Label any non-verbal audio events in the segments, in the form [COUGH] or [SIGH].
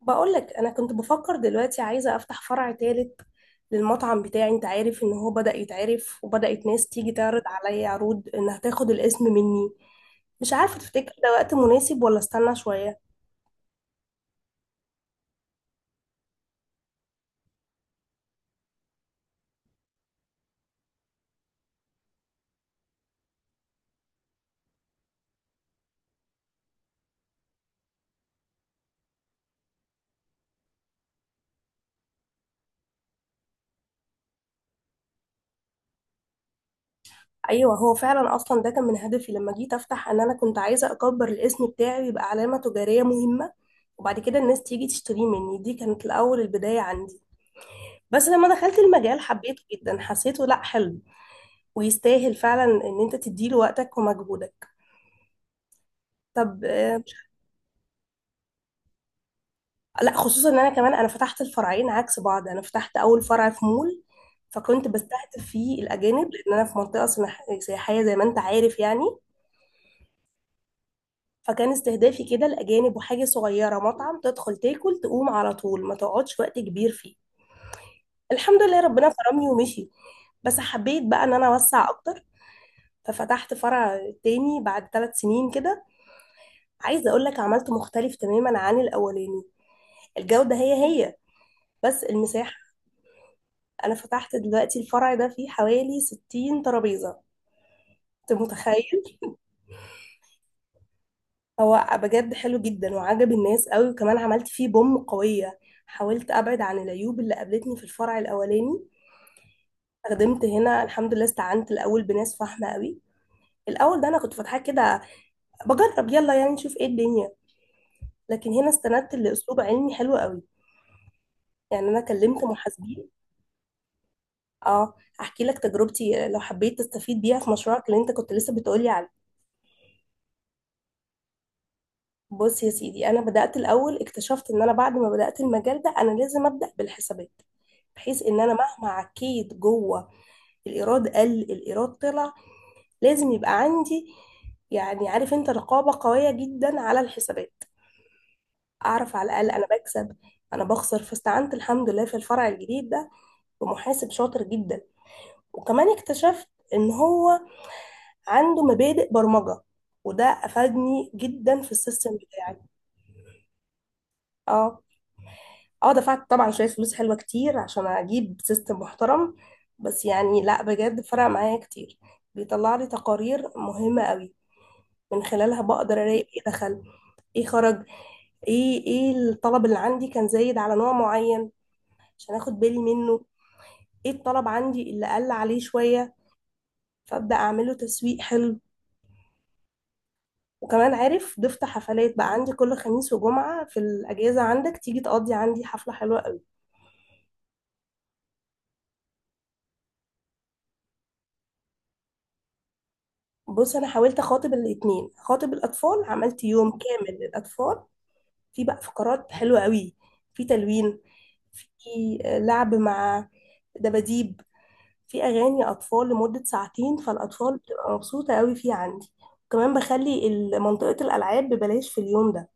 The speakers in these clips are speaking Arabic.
بقولك انا كنت بفكر دلوقتي عايزه افتح فرع تالت للمطعم بتاعي. انت عارف ان هو بدأ يتعرف وبدأت ناس تيجي تعرض عليا عروض انها تاخد الاسم مني. مش عارفه، تفتكر ده وقت مناسب ولا استنى شويه؟ ايوه، هو فعلا اصلا ده كان من هدفي لما جيت افتح، ان انا كنت عايزه اكبر الاسم بتاعي يبقى علامه تجاريه مهمه، وبعد كده الناس تيجي تشتريه مني. دي كانت الاول البدايه عندي. بس لما دخلت المجال حبيته جدا، حسيته لا حلو ويستاهل فعلا ان انت تديله وقتك ومجهودك. طب لا، خصوصا ان انا كمان انا فتحت الفرعين عكس بعض. انا فتحت اول فرع في مول، فكنت بستهدف فيه الاجانب، لان انا في منطقه سياحيه زي ما انت عارف يعني. فكان استهدافي كده الاجانب، وحاجه صغيره مطعم تدخل تاكل تقوم على طول، ما تقعدش وقت كبير فيه. الحمد لله ربنا كرمني ومشي. بس حبيت بقى ان انا اوسع اكتر. ففتحت فرع تاني بعد 3 سنين كده. عايزه اقول لك عملته مختلف تماما عن الاولاني. الجوده هي هي، بس المساحه. انا فتحت دلوقتي الفرع ده فيه حوالي 60 ترابيزة. انت متخيل؟ هو بجد حلو جدا وعجب الناس قوي، وكمان عملت فيه بوم قوية. حاولت ابعد عن العيوب اللي قابلتني في الفرع الاولاني. خدمت هنا الحمد لله، استعنت الاول بناس فاهمة قوي. الاول ده انا كنت فاتحاه كده بجرب، يلا يعني نشوف ايه الدنيا. لكن هنا استندت لاسلوب علمي حلو قوي. يعني انا كلمت محاسبين. اه، احكي لك تجربتي لو حبيت تستفيد بيها في مشروعك اللي انت كنت لسه بتقولي عليه. بص يا سيدي، انا بدات الاول اكتشفت ان انا بعد ما بدات المجال ده، انا لازم ابدا بالحسابات. بحيث ان انا مهما عكيت جوه، الايراد قل الايراد طلع، لازم يبقى عندي، يعني عارف انت رقابه قويه جدا على الحسابات. اعرف على الاقل انا بكسب انا بخسر. فاستعنت الحمد لله في الفرع الجديد ده بمحاسب شاطر جدا. وكمان اكتشفت ان هو عنده مبادئ برمجه، وده افادني جدا في السيستم بتاعي. اه. اه، دفعت طبعا شوية فلوس حلوة كتير عشان اجيب سيستم محترم. بس يعني لا بجد فرق معايا كتير. بيطلع لي تقارير مهمة قوي، من خلالها بقدر اراقب ايه دخل ايه خرج، ايه الطلب اللي عندي كان زايد على نوع معين عشان اخد بالي منه، ايه الطلب عندي اللي قل عليه شوية، فابدأ اعمله تسويق حلو. وكمان عارف، ضفت حفلات بقى عندي كل خميس وجمعة، في الأجازة عندك تيجي تقضي عندي حفلة حلوة. بص، انا حاولت اخاطب الاتنين، خاطب الاطفال عملت يوم كامل للاطفال. في بقى فقرات حلوه قوي، في تلوين، في لعب مع دباديب، في اغاني اطفال لمده ساعتين، فالاطفال بتبقى مبسوطه قوي فيه عندي. وكمان بخلي منطقه الالعاب ببلاش في اليوم ده.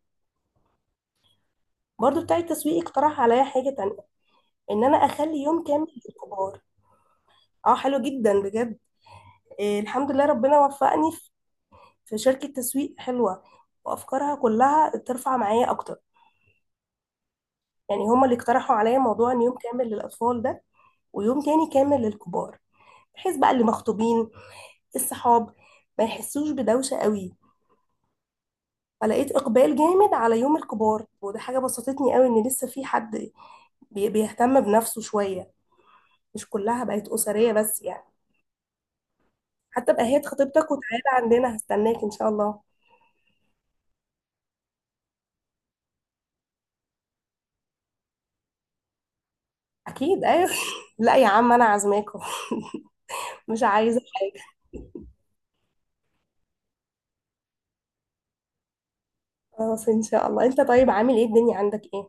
برضو بتاع التسويق اقترح عليا حاجه تانية، ان انا اخلي يوم كامل للكبار. اه حلو جدا بجد. الحمد لله ربنا وفقني في شركة تسويق حلوة، وأفكارها كلها ترفع معايا أكتر. يعني هما اللي اقترحوا عليا موضوع إن يوم كامل للأطفال ده، ويوم تاني كامل للكبار، بحيث بقى اللي مخطوبين الصحاب ما يحسوش بدوشة قوي. فلقيت إقبال جامد على يوم الكبار، وده حاجة بسطتني قوي إن لسه في حد بيهتم بنفسه شوية، مش كلها بقت أسرية بس يعني. حتى بقى خطيبتك وتعالى عندنا هستناك إن شاء الله. أكيد أيوه. [LAUGHS] لا يا عم، أنا عازماكم، مش عايزة. خلاص ان شاء الله. انت طيب، عامل ايه، الدنيا عندك ايه؟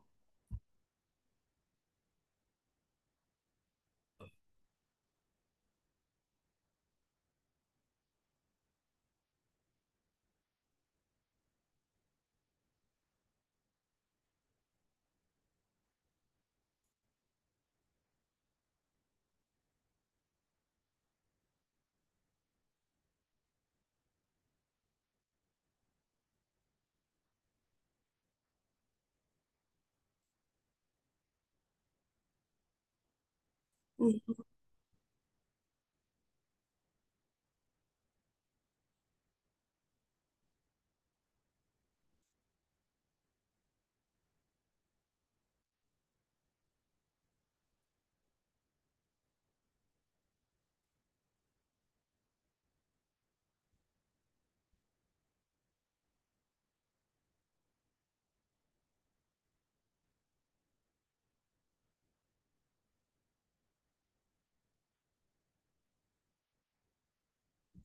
مم.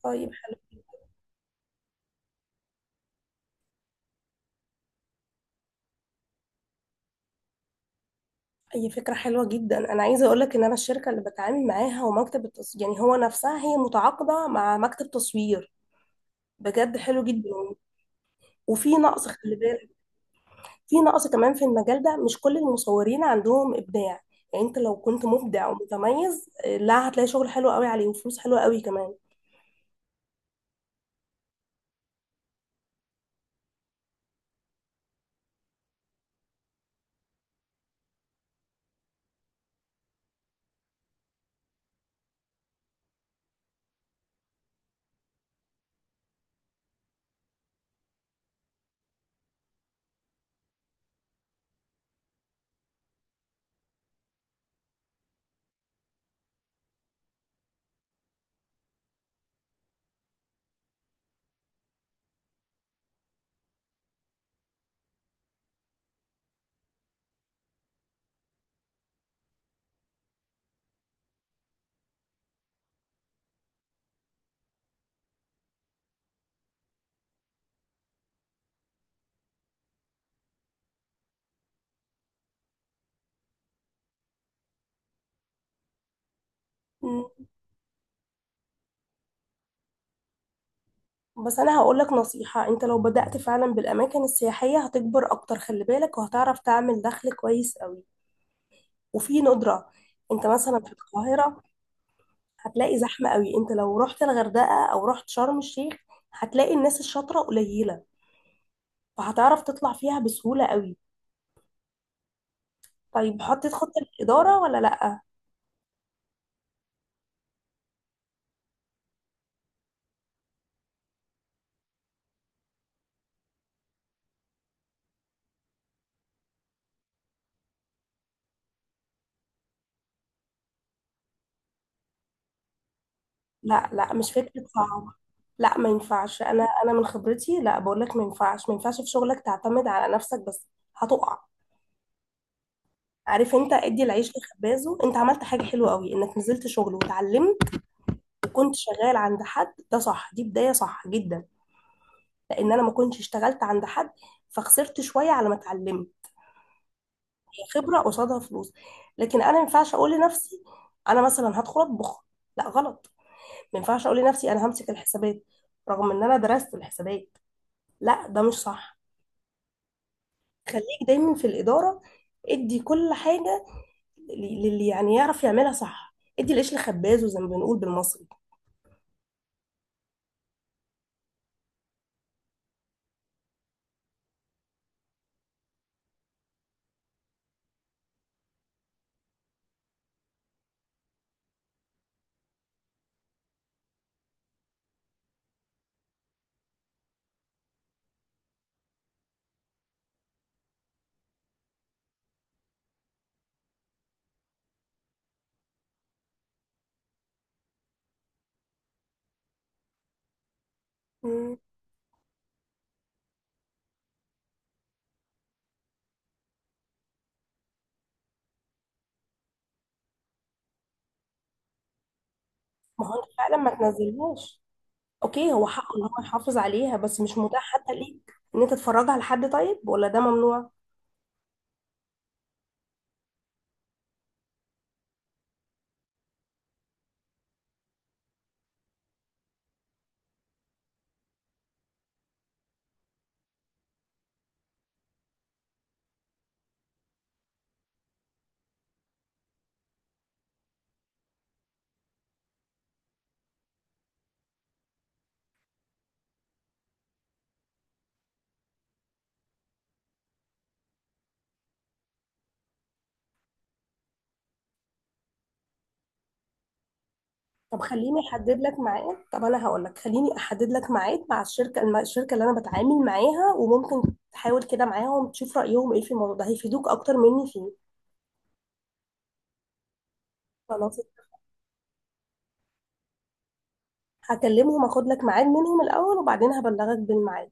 طيب حلو. اي فكره حلوه جدا، انا عايزه اقول لك ان انا الشركه اللي بتعامل معاها ومكتب التصوير، يعني هو نفسها هي متعاقده مع مكتب تصوير. بجد حلو جدا. وفي نقص خلي بالك، في نقص كمان في المجال ده، مش كل المصورين عندهم ابداع. يعني انت لو كنت مبدع ومتميز، لا هتلاقي شغل حلو قوي عليه وفلوس حلوه قوي كمان. مم. بس انا هقول لك نصيحة، انت لو بدأت فعلا بالاماكن السياحية هتكبر اكتر خلي بالك، وهتعرف تعمل دخل كويس قوي. وفي ندرة، انت مثلا في القاهرة هتلاقي زحمة قوي، انت لو رحت الغردقة او رحت شرم الشيخ هتلاقي الناس الشاطرة قليلة، فهتعرف تطلع فيها بسهولة قوي. طيب حطيت خطة للإدارة ولا لأ؟ لا لا، مش فكرة صعبة. لا، ما ينفعش، انا من خبرتي، لا بقول لك، ما ينفعش، ما ينفعش في شغلك تعتمد على نفسك بس. هتقع. عارف انت، ادي العيش لخبازه. انت عملت حاجة حلوة قوي، انك نزلت شغل وتعلمت وكنت شغال عند حد، ده صح، دي بداية صح جدا. لان انا ما كنتش اشتغلت عند حد، فخسرت شويه على ما اتعلمت. هي خبره قصادها فلوس. لكن انا ما ينفعش اقول لنفسي انا مثلا هدخل اطبخ، لا غلط. ما ينفعش اقول لنفسي انا همسك الحسابات، رغم ان انا درست الحسابات، لا ده مش صح. خليك دايما في الاداره، ادي كل حاجه للي يعني يعرف يعملها صح، ادي القش لخبازه زي ما بنقول بالمصري. مم. ما هو انت فعلا ما تنزلهاش، اوكي هو حقه ان هو يحافظ عليها، بس مش متاح حتى ليك ان انت تتفرجها لحد، طيب ولا ده ممنوع؟ طب خليني احدد لك ميعاد، طب انا هقول لك، خليني احدد لك ميعاد مع الشركه الشركه اللي انا بتعامل معاها، وممكن تحاول كده معاهم تشوف رايهم ايه في الموضوع ده، هيفيدوك اكتر مني فيه. خلاص، هكلمهم اخد لك ميعاد منهم الاول وبعدين هبلغك بالميعاد.